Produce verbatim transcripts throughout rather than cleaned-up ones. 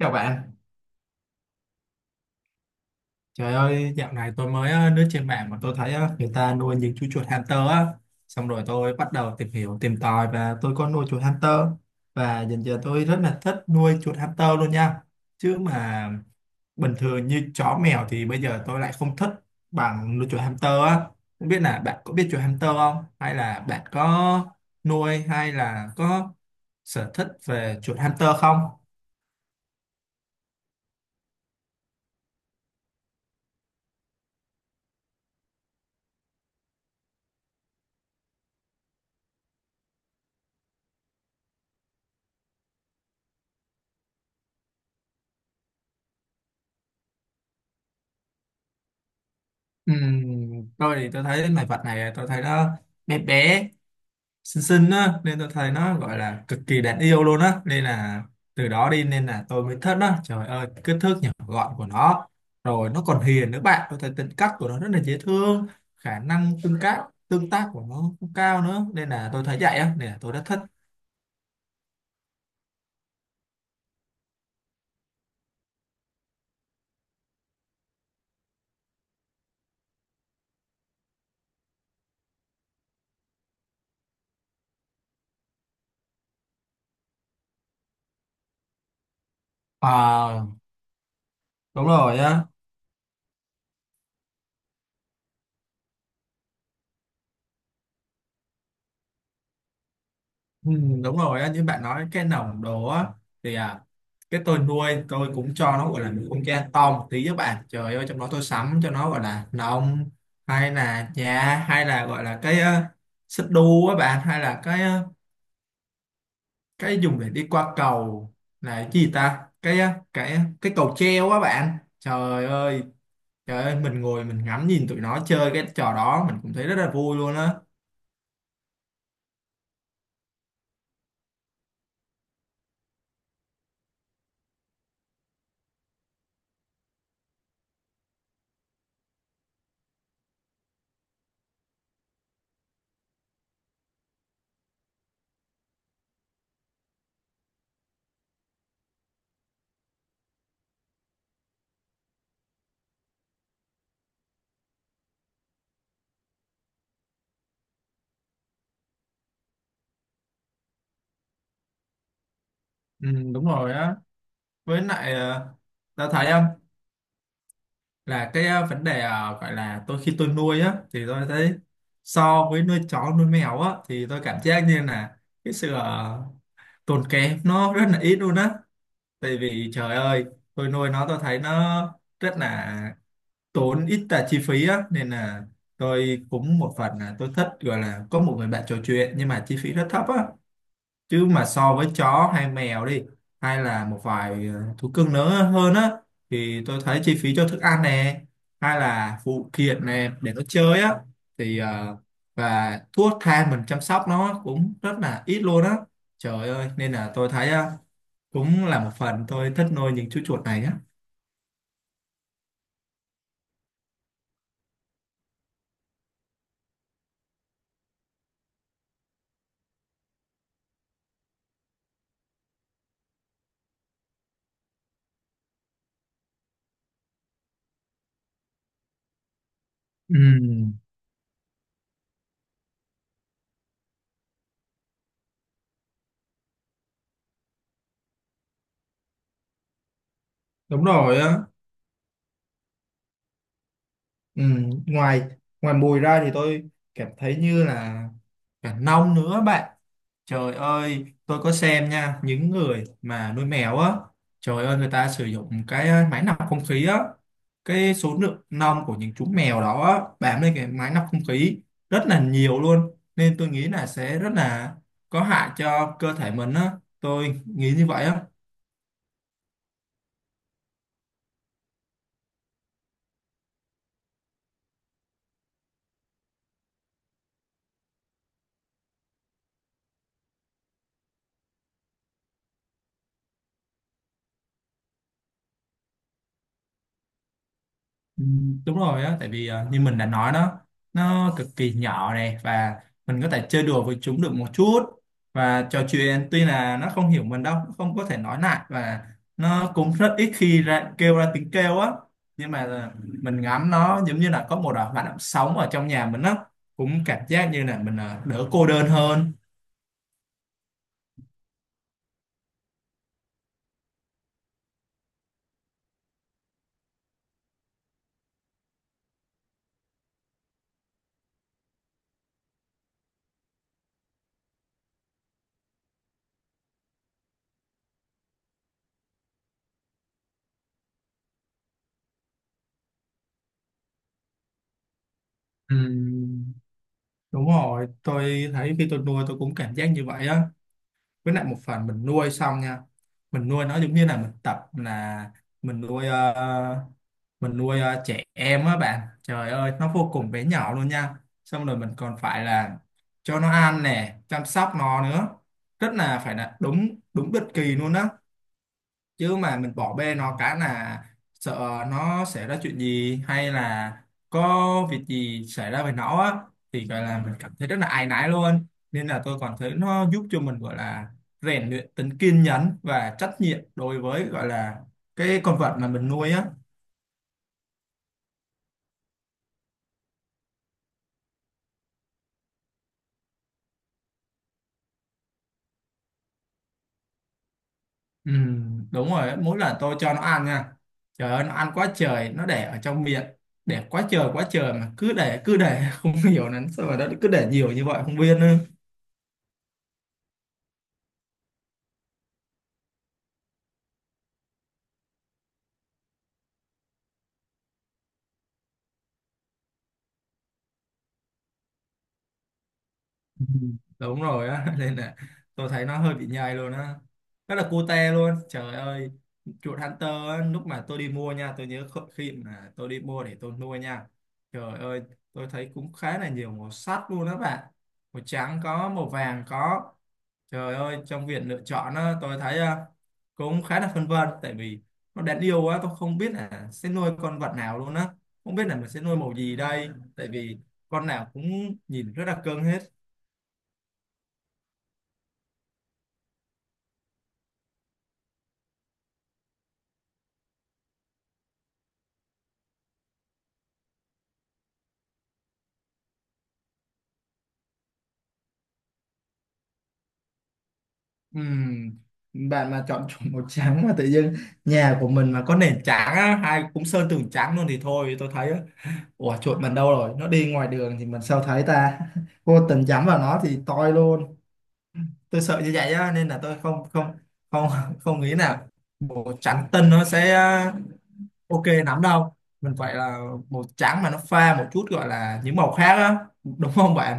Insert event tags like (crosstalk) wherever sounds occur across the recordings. Chào bạn, trời ơi dạo này tôi mới ờ, lướt trên mạng mà tôi thấy ờ, người ta nuôi những chú chuột hamster á. Xong rồi tôi bắt đầu tìm hiểu, tìm tòi và tôi có nuôi chuột hamster. Và dần dần tôi rất là thích nuôi chuột hamster luôn nha. Chứ mà bình thường như chó mèo thì bây giờ tôi lại không thích bằng nuôi chuột hamster á. Không biết là bạn có biết chuột hamster không? Hay là bạn có nuôi hay là có sở thích về chuột hamster không? Ừm, tôi thì tôi thấy loài vật này tôi thấy nó bé bé xinh xinh á nên tôi thấy nó gọi là cực kỳ đáng yêu luôn á, nên là từ đó đi nên là tôi mới thích nó. Trời ơi kích thước nhỏ gọn của nó, rồi nó còn hiền nữa bạn, tôi thấy tính cách của nó rất là dễ thương. Khả năng tương tác tương tác của nó cũng cao nữa nên là tôi thấy vậy á nên là tôi rất thích. À, đúng rồi á. Ừ, đúng rồi á, như bạn nói cái nòng đồ á thì à, cái tôi nuôi tôi cũng cho nó gọi là một con cha to một tí với bạn. Trời ơi trong đó tôi sắm cho nó gọi là nòng, hay là nhà, hay là gọi là cái uh, xích đu á bạn, hay là cái ờ, cái dùng để đi qua cầu là cái gì ta, cái ờ, cái cái cầu treo á bạn. Trời ơi trời ơi mình ngồi mình ngắm nhìn tụi nó chơi cái trò đó mình cũng thấy rất là vui luôn á. Ừ, đúng rồi á, với lại ờ, Tao thấy không? Là cái ờ, vấn đề ờ, gọi là tôi khi tôi nuôi á thì tôi thấy so với nuôi chó nuôi mèo á thì tôi cảm giác như là cái sự ờ, tốn kém nó rất là ít luôn á. Tại vì trời ơi tôi nuôi nó tôi thấy nó rất là tốn ít là chi phí á, nên là tôi cũng một phần là tôi thích gọi là có một người bạn trò chuyện nhưng mà chi phí rất thấp á. Chứ mà so với chó hay mèo đi, hay là một vài ờ, thú cưng nữa hơn á, thì tôi thấy chi phí cho thức ăn nè, hay là phụ kiện nè để nó chơi á, thì ờ, và thuốc thang mình chăm sóc nó cũng rất là ít luôn á. Trời ơi nên là tôi thấy ờ, cũng là một phần tôi thích nuôi những chú chuột này á. Ừ, đúng rồi á. Ừ, ngoài ngoài mùi ra thì tôi cảm thấy như là cả nông nữa bạn. Trời ơi, tôi có xem nha, những người mà nuôi mèo á, trời ơi người ta sử dụng cái ờ, máy lọc không khí á, cái số lượng lông của những chú mèo đó á, bám lên cái máy lọc không khí rất là nhiều luôn, nên tôi nghĩ là sẽ rất là có hại cho cơ thể mình á, tôi nghĩ như vậy á. Ừ, đúng rồi á, tại vì ờ, như mình đã nói đó, nó cực kỳ nhỏ này, và mình có thể chơi đùa với chúng được một chút và trò chuyện, tuy là nó không hiểu mình đâu, nó không có thể nói lại, và nó cũng rất ít khi ra, kêu ra tiếng kêu á. Nhưng mà là mình ngắm nó giống như là có một ờ, hoạt động sống ở trong nhà mình á, cũng cảm giác như là mình ờ, đỡ cô đơn hơn. Ừ, đúng rồi, tôi thấy khi tôi nuôi tôi cũng cảm giác như vậy á. Với lại một phần mình nuôi xong nha, mình nuôi nó giống như là mình tập là mình nuôi ờ, mình nuôi ờ, trẻ em á bạn, trời ơi nó vô cùng bé nhỏ luôn nha. Xong rồi mình còn phải là cho nó ăn nè, chăm sóc nó nữa, rất là phải là đúng đúng định kỳ luôn á. Chứ mà mình bỏ bê nó cái là sợ nó xảy ra chuyện gì, hay là có việc gì xảy ra với nó á, thì gọi là mình cảm thấy rất là áy náy luôn. Nên là tôi còn thấy nó giúp cho mình gọi là rèn luyện tính kiên nhẫn và trách nhiệm đối với gọi là cái con vật mà mình nuôi á. Ừ, đúng rồi á, mỗi lần tôi cho nó ăn nha, trời ơi nó ăn quá trời, nó để ở trong miệng, để quá trời quá trời mà cứ để cứ để (laughs) không hiểu là sao mà nó cứ để nhiều như vậy không biết nữa. (laughs) Ừ, đúng rồi á. (laughs) Nên là tôi thấy nó hơi bị nhầy luôn á, rất là cute luôn. Trời ơi chuột Hunter á, lúc mà tôi đi mua nha, tôi nhớ kh- khi mà tôi đi mua để tôi nuôi nha, trời ơi tôi thấy cũng khá là nhiều màu sắc luôn đó bạn, màu trắng có, màu vàng có. Trời ơi trong việc lựa chọn á, tôi thấy ờ, cũng khá là phân vân, tại vì nó đáng yêu quá tôi không biết là sẽ nuôi con vật nào luôn á, không biết là mình sẽ nuôi màu gì đây, tại vì con nào cũng nhìn rất là cưng hết. Ừm, Bạn mà chọn chủ màu trắng mà tự dưng nhà của mình mà có nền trắng á, hay cũng sơn tường trắng luôn, thì thôi tôi thấy á, ủa chuột mình đâu rồi, nó đi ngoài đường thì mình sao thấy ta, (laughs) vô tình nhắm vào nó thì toi luôn. Tôi sợ như vậy á, nên là tôi không không không (laughs) không nghĩ nào màu trắng tinh nó sẽ ờ, ok lắm đâu. Mình phải là màu trắng mà nó pha một chút gọi là những màu khác á, đúng không bạn?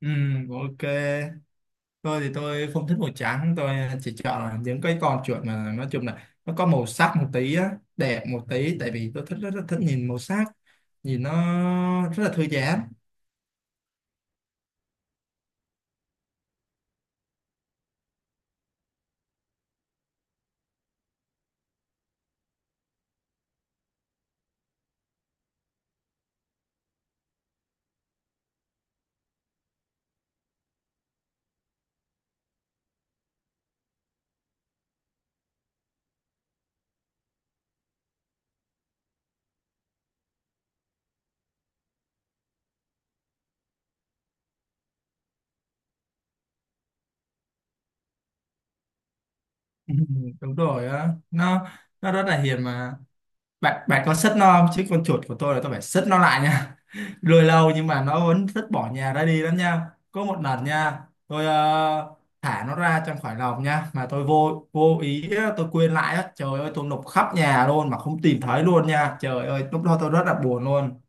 Ừ, ok. Tôi thì tôi không thích màu trắng, tôi chỉ chọn là những cái con chuột mà nói chung là nó có màu sắc một tí á, đẹp một tí, tại vì tôi thích rất, rất thích nhìn màu sắc, nhìn nó rất là thư giãn. (laughs) Ừ, đúng rồi á, nó nó rất là hiền mà bạn, bạn có sất nó không, chứ con chuột của tôi là tôi phải sất nó lại nha. (laughs) Nuôi lâu nhưng mà nó vẫn rất bỏ nhà ra đi lắm nha. Có một lần nha, tôi ờ, thả nó ra trong khỏi lồng nha, mà tôi vô vô ý á, tôi quên lại á, trời ơi tôi lục khắp nhà luôn mà không tìm thấy luôn nha, trời ơi lúc đó tôi rất là buồn luôn.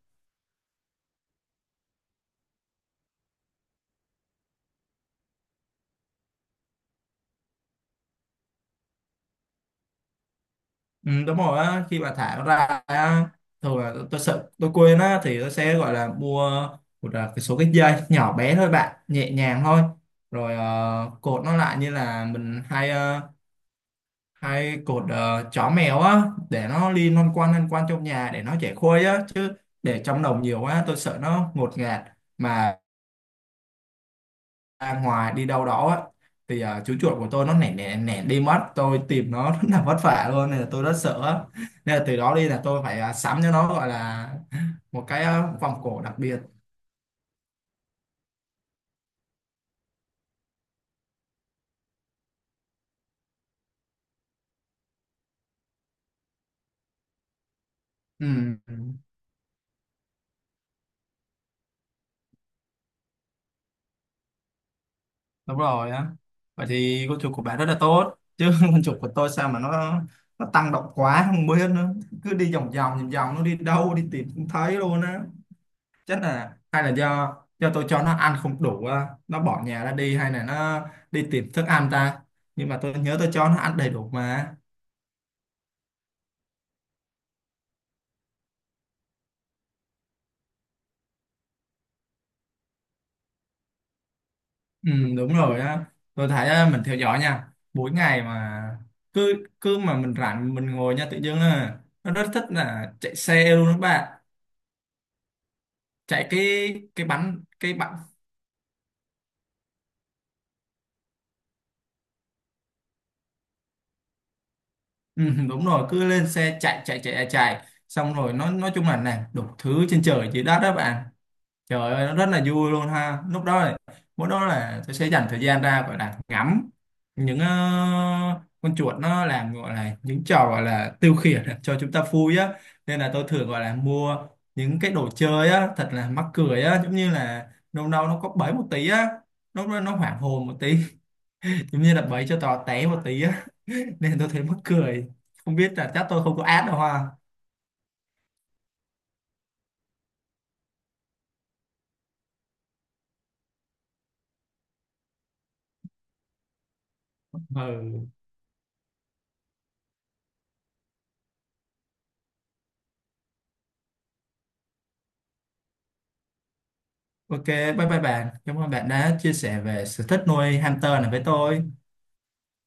Ừ, đúng rồi á, khi mà thả nó ra á, thường là tôi, tôi sợ tôi quên á, thì tôi sẽ gọi là mua một à, cái số cái dây nhỏ bé thôi bạn, nhẹ nhàng thôi, rồi ờ, cột nó lại như là mình hay ờ, hay cột ờ, chó mèo á, để nó liên non quan lăn quan trong nhà để nó chẻ khuây á. Chứ để trong đồng nhiều quá tôi sợ nó ngột ngạt mà ra ngoài đi đâu đó á, thì ờ, chú chuột của tôi nó nẻ nẻ nẻ đi mất, tôi tìm nó (laughs) rất là vất vả luôn nên là tôi rất sợ á. Nên là từ đó đi là tôi phải ờ, sắm cho nó gọi là một cái ờ, vòng cổ đặc biệt. Ừ. Đúng rồi á, vậy thì con chuột của bạn rất là tốt chứ. (laughs) Con chuột của tôi sao mà nó nó tăng động quá không biết nữa, cứ đi vòng vòng vòng vòng nó đi đâu đi tìm không thấy luôn á. Chắc là hay là do do tôi cho nó ăn không đủ á, nó bỏ nhà ra đi hay là nó đi tìm thức ăn ta, nhưng mà tôi nhớ tôi cho nó ăn đầy đủ mà. Ừ, đúng rồi á. Tôi thấy á, mình theo dõi nha, mỗi ngày mà cứ cứ mà mình rảnh mình ngồi nha, tự dưng là nó rất thích là chạy xe luôn đó bạn, chạy cái cái bắn cái bắn Ừ, đúng rồi, cứ lên xe chạy chạy chạy chạy xong rồi nó nói chung là làm đủ thứ trên trời dưới đất đó bạn. Trời ơi nó rất là vui luôn ha, lúc đó là, mỗi đó là tôi sẽ dành thời gian ra gọi là ngắm những ờ, con chuột nó làm gọi là những trò gọi là tiêu khiển (laughs) cho chúng ta vui á. Nên là tôi thường gọi là mua những cái đồ chơi á, thật là mắc cười á, giống như là đâu đâu nó có bẫy một tí á, nó nó hoảng hồn một tí, (laughs) giống như là bẫy cho tò té một tí á, nên tôi thấy mắc cười, không biết là chắc tôi không có ad đâu ha. Ừ. Ok, bye bye bạn, cảm ơn bạn đã chia sẻ về sở thích nuôi hamster này với tôi.